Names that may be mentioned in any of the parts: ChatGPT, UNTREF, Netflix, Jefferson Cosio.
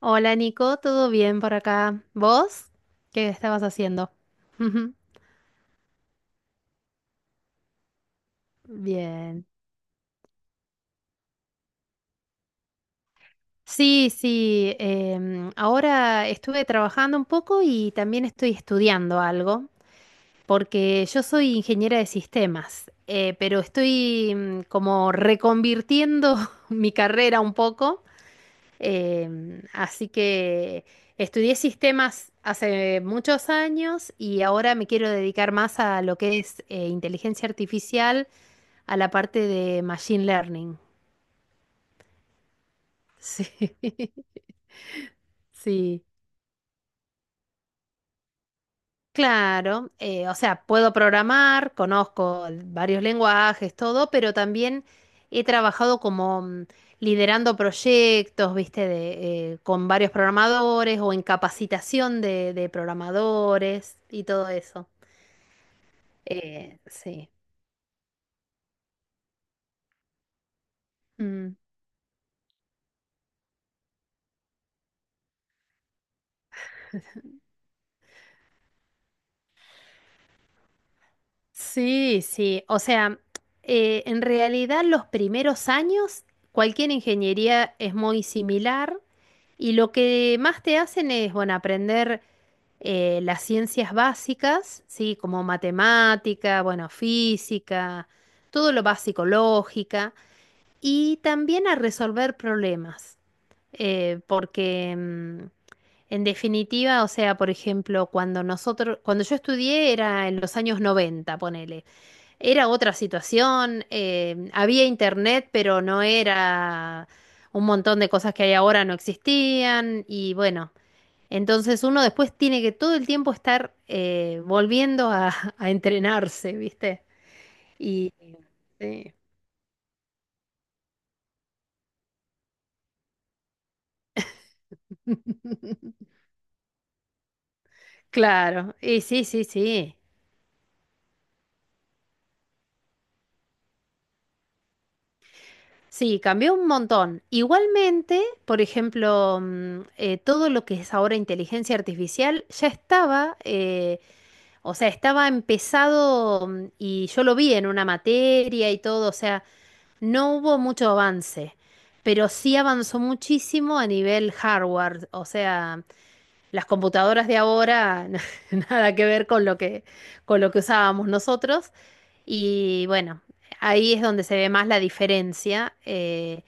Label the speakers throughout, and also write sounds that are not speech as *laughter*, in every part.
Speaker 1: Hola Nico, ¿todo bien por acá? ¿Vos? ¿Qué estabas haciendo? *laughs* Bien. Sí, sí, ahora estuve trabajando un poco y también estoy estudiando algo, porque yo soy ingeniera de sistemas, pero estoy como reconvirtiendo *laughs* mi carrera un poco, así que estudié sistemas hace muchos años y ahora me quiero dedicar más a lo que es inteligencia artificial a la parte de Machine Learning. Sí, *laughs* sí. Claro, o sea, puedo programar, conozco varios lenguajes, todo, pero también he trabajado como liderando proyectos, viste, con varios programadores o en capacitación de programadores y todo eso. Sí. Mm. Sí, sí. O sea, en realidad los primeros años cualquier ingeniería es muy similar y lo que más te hacen es, bueno, aprender las ciencias básicas, sí, como matemática, bueno, física, todo lo básico, lógica y también a resolver problemas. Porque en definitiva, o sea, por ejemplo, cuando yo estudié era en los años 90, ponele. Era otra situación, había internet, pero no era un montón de cosas que hay ahora no existían y bueno, entonces uno después tiene que todo el tiempo estar volviendo a entrenarse, ¿viste? Y sí, *laughs* claro, y sí, sí, sí. Sí, cambió un montón. Igualmente, por ejemplo, todo lo que es ahora inteligencia artificial ya estaba. O sea, estaba empezado y yo lo vi en una materia y todo, o sea, no hubo mucho avance, pero sí avanzó muchísimo a nivel hardware, o sea, las computadoras de ahora *laughs* nada que ver con lo que usábamos nosotros, y bueno, ahí es donde se ve más la diferencia.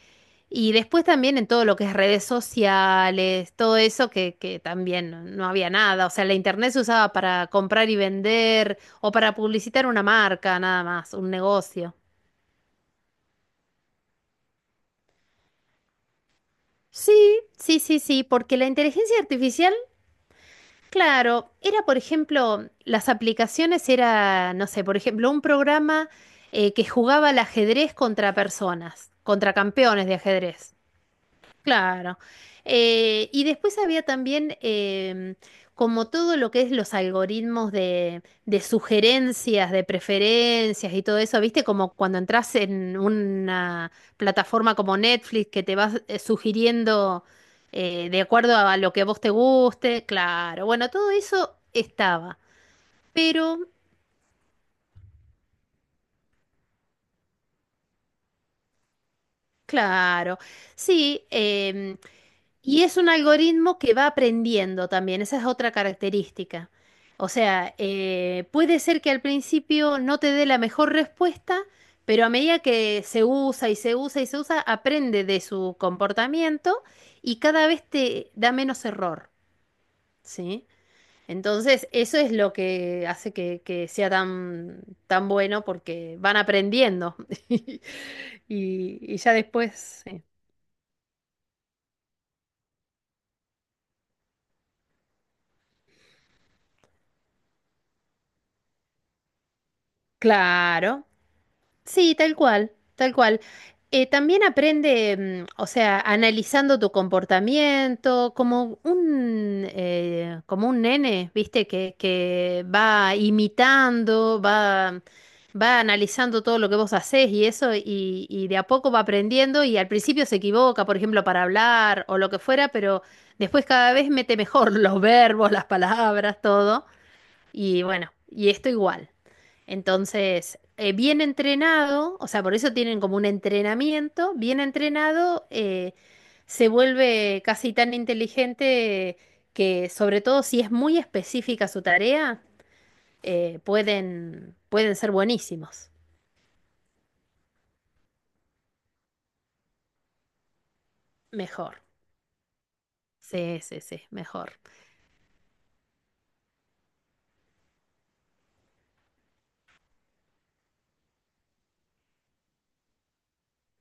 Speaker 1: Y después también en todo lo que es redes sociales, todo eso que también no había nada. O sea, la internet se usaba para comprar y vender o para publicitar una marca, nada más, un negocio. Sí, sí, sí, sí, porque la inteligencia artificial, claro, era, por ejemplo, las aplicaciones era, no sé, por ejemplo, un programa que jugaba al ajedrez contra personas, contra campeones de ajedrez. Claro. Y después había también como todo lo que es los algoritmos de sugerencias, de preferencias y todo eso, ¿viste? Como cuando entras en una plataforma como Netflix que te vas sugiriendo de acuerdo a lo que a vos te guste, claro. Bueno, todo eso estaba. Pero, claro, sí. Y es un algoritmo que va aprendiendo también, esa es otra característica. O sea, puede ser que al principio no te dé la mejor respuesta, pero a medida que se usa y se usa y se usa, aprende de su comportamiento y cada vez te da menos error, ¿sí? Entonces, eso es lo que hace que sea tan, tan bueno porque van aprendiendo. *laughs* Y ya después, sí. Claro. Sí, tal cual, tal cual. También aprende, o sea, analizando tu comportamiento, como un nene, ¿viste? Que va imitando, va analizando todo lo que vos hacés y eso, y de a poco va aprendiendo y al principio se equivoca, por ejemplo, para hablar o lo que fuera, pero después cada vez mete mejor *laughs* los verbos, las palabras, todo. Y bueno, y esto igual. Entonces, bien entrenado, o sea, por eso tienen como un entrenamiento, bien entrenado, se vuelve casi tan inteligente que, sobre todo si es muy específica su tarea, pueden, pueden ser buenísimos. Mejor. Sí, sí, sí, mejor.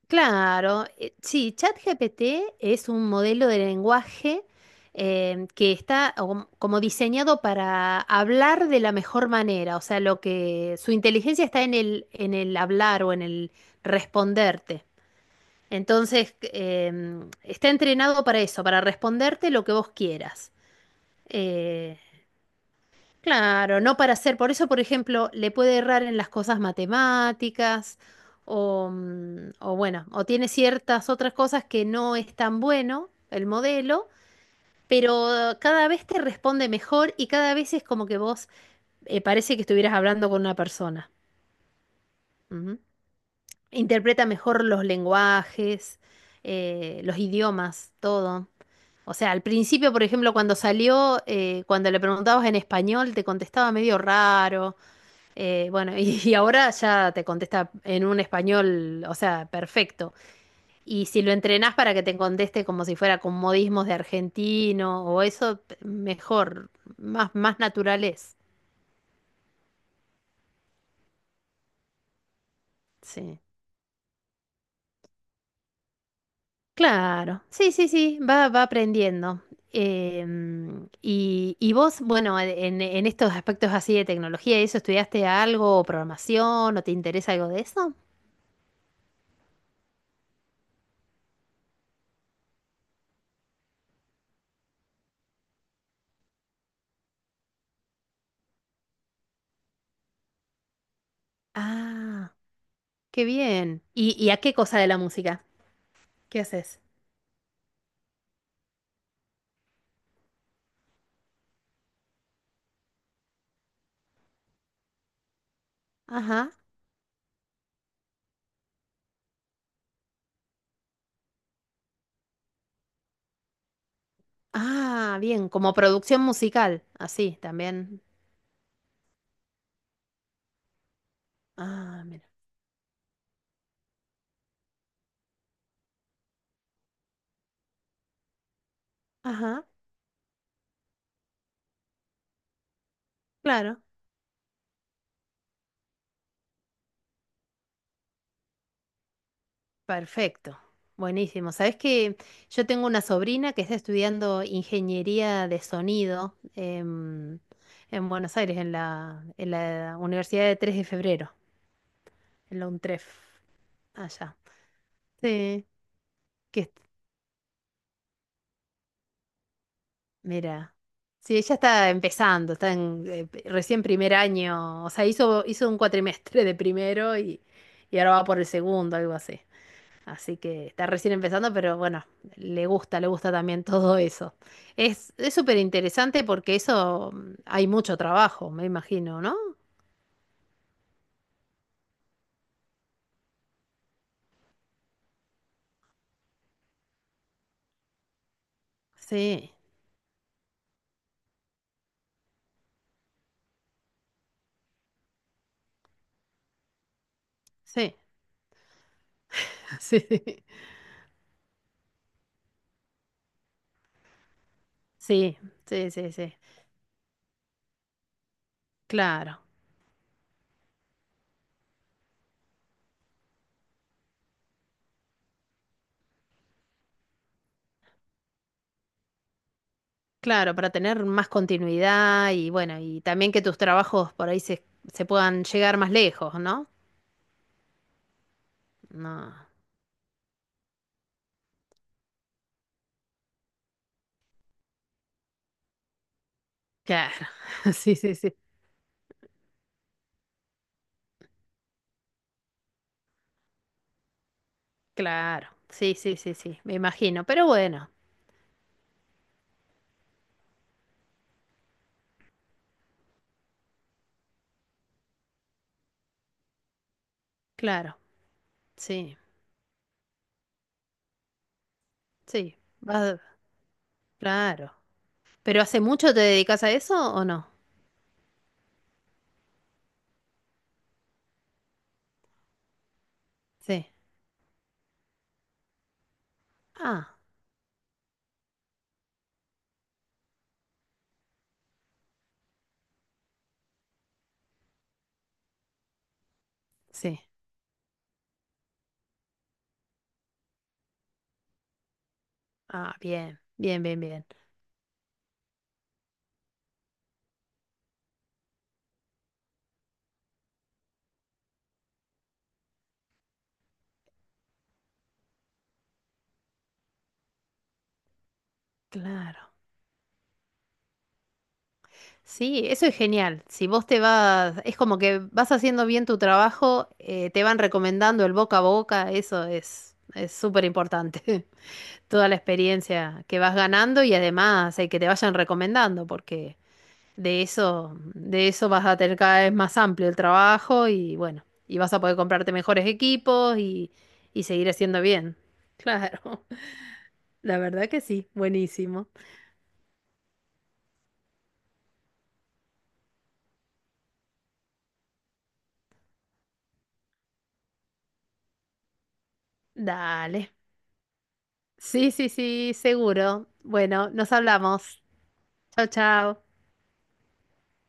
Speaker 1: Claro, sí, ChatGPT es un modelo de lenguaje que está como diseñado para hablar de la mejor manera, o sea, lo que su inteligencia está en el hablar o en el responderte. Entonces, está entrenado para eso, para responderte lo que vos quieras. Eh, Claro, no para hacer. Por eso, por ejemplo, le puede errar en las cosas matemáticas o bueno, o tiene ciertas otras cosas que no es tan bueno el modelo, pero cada vez te responde mejor y cada vez es como que vos parece que estuvieras hablando con una persona. Ujú. Interpreta mejor los lenguajes, los idiomas, todo. O sea, al principio, por ejemplo, cuando salió, cuando le preguntabas en español, te contestaba medio raro. Bueno, *laughs* y, ahora ya te contesta en un español, o sea, perfecto. Y si lo entrenás para que te conteste como si fuera con modismos de argentino o eso, mejor, más, más natural es. Sí. Claro, sí, sí, sí, va, va aprendiendo. Y vos, bueno, en estos aspectos así de tecnología y eso, ¿estudiaste algo o programación o te interesa algo de eso? Ah, qué bien. Y a qué cosa de la música? ¿Qué haces? Ajá. Ah, bien, como producción musical, así también. Ah, mira. Ajá, claro, perfecto. Buenísimo. Sabes que yo tengo una sobrina que está estudiando ingeniería de sonido en Buenos Aires, en la Universidad de 3 de Febrero, en la UNTREF, allá. Sí, que Mira, sí, ella está empezando, está recién primer año, o sea, hizo un cuatrimestre de primero y, ahora va por el segundo, algo así. Así que está recién empezando, pero bueno, le gusta también todo eso. Es súper interesante porque eso hay mucho trabajo, me imagino, ¿no? Sí, sí, *laughs* sí, sí, sí, sí, sí, claro. Claro, para tener más continuidad y bueno, y también que tus trabajos por ahí se puedan llegar más lejos, ¿no? No, claro, *laughs* sí, sí, sí, claro, sí, sí, sí, sí, me imagino, pero bueno, claro, sí, sí, vas, claro. ¿Pero hace mucho te dedicas a eso o no? Sí, ah, sí, ah, bien, bien, bien, bien, claro. Sí, eso es genial. Si vos te vas, es como que vas haciendo bien tu trabajo, te van recomendando el boca a boca, eso es súper importante. *laughs* Toda la experiencia que vas ganando y además que te vayan recomendando, porque de eso vas a tener cada vez más amplio el trabajo y bueno, y vas a poder comprarte mejores equipos y, seguir haciendo bien. Claro, *laughs* la verdad que sí, buenísimo. Dale. Sí, sí, sí, seguro. Bueno, nos hablamos. Chao, chao.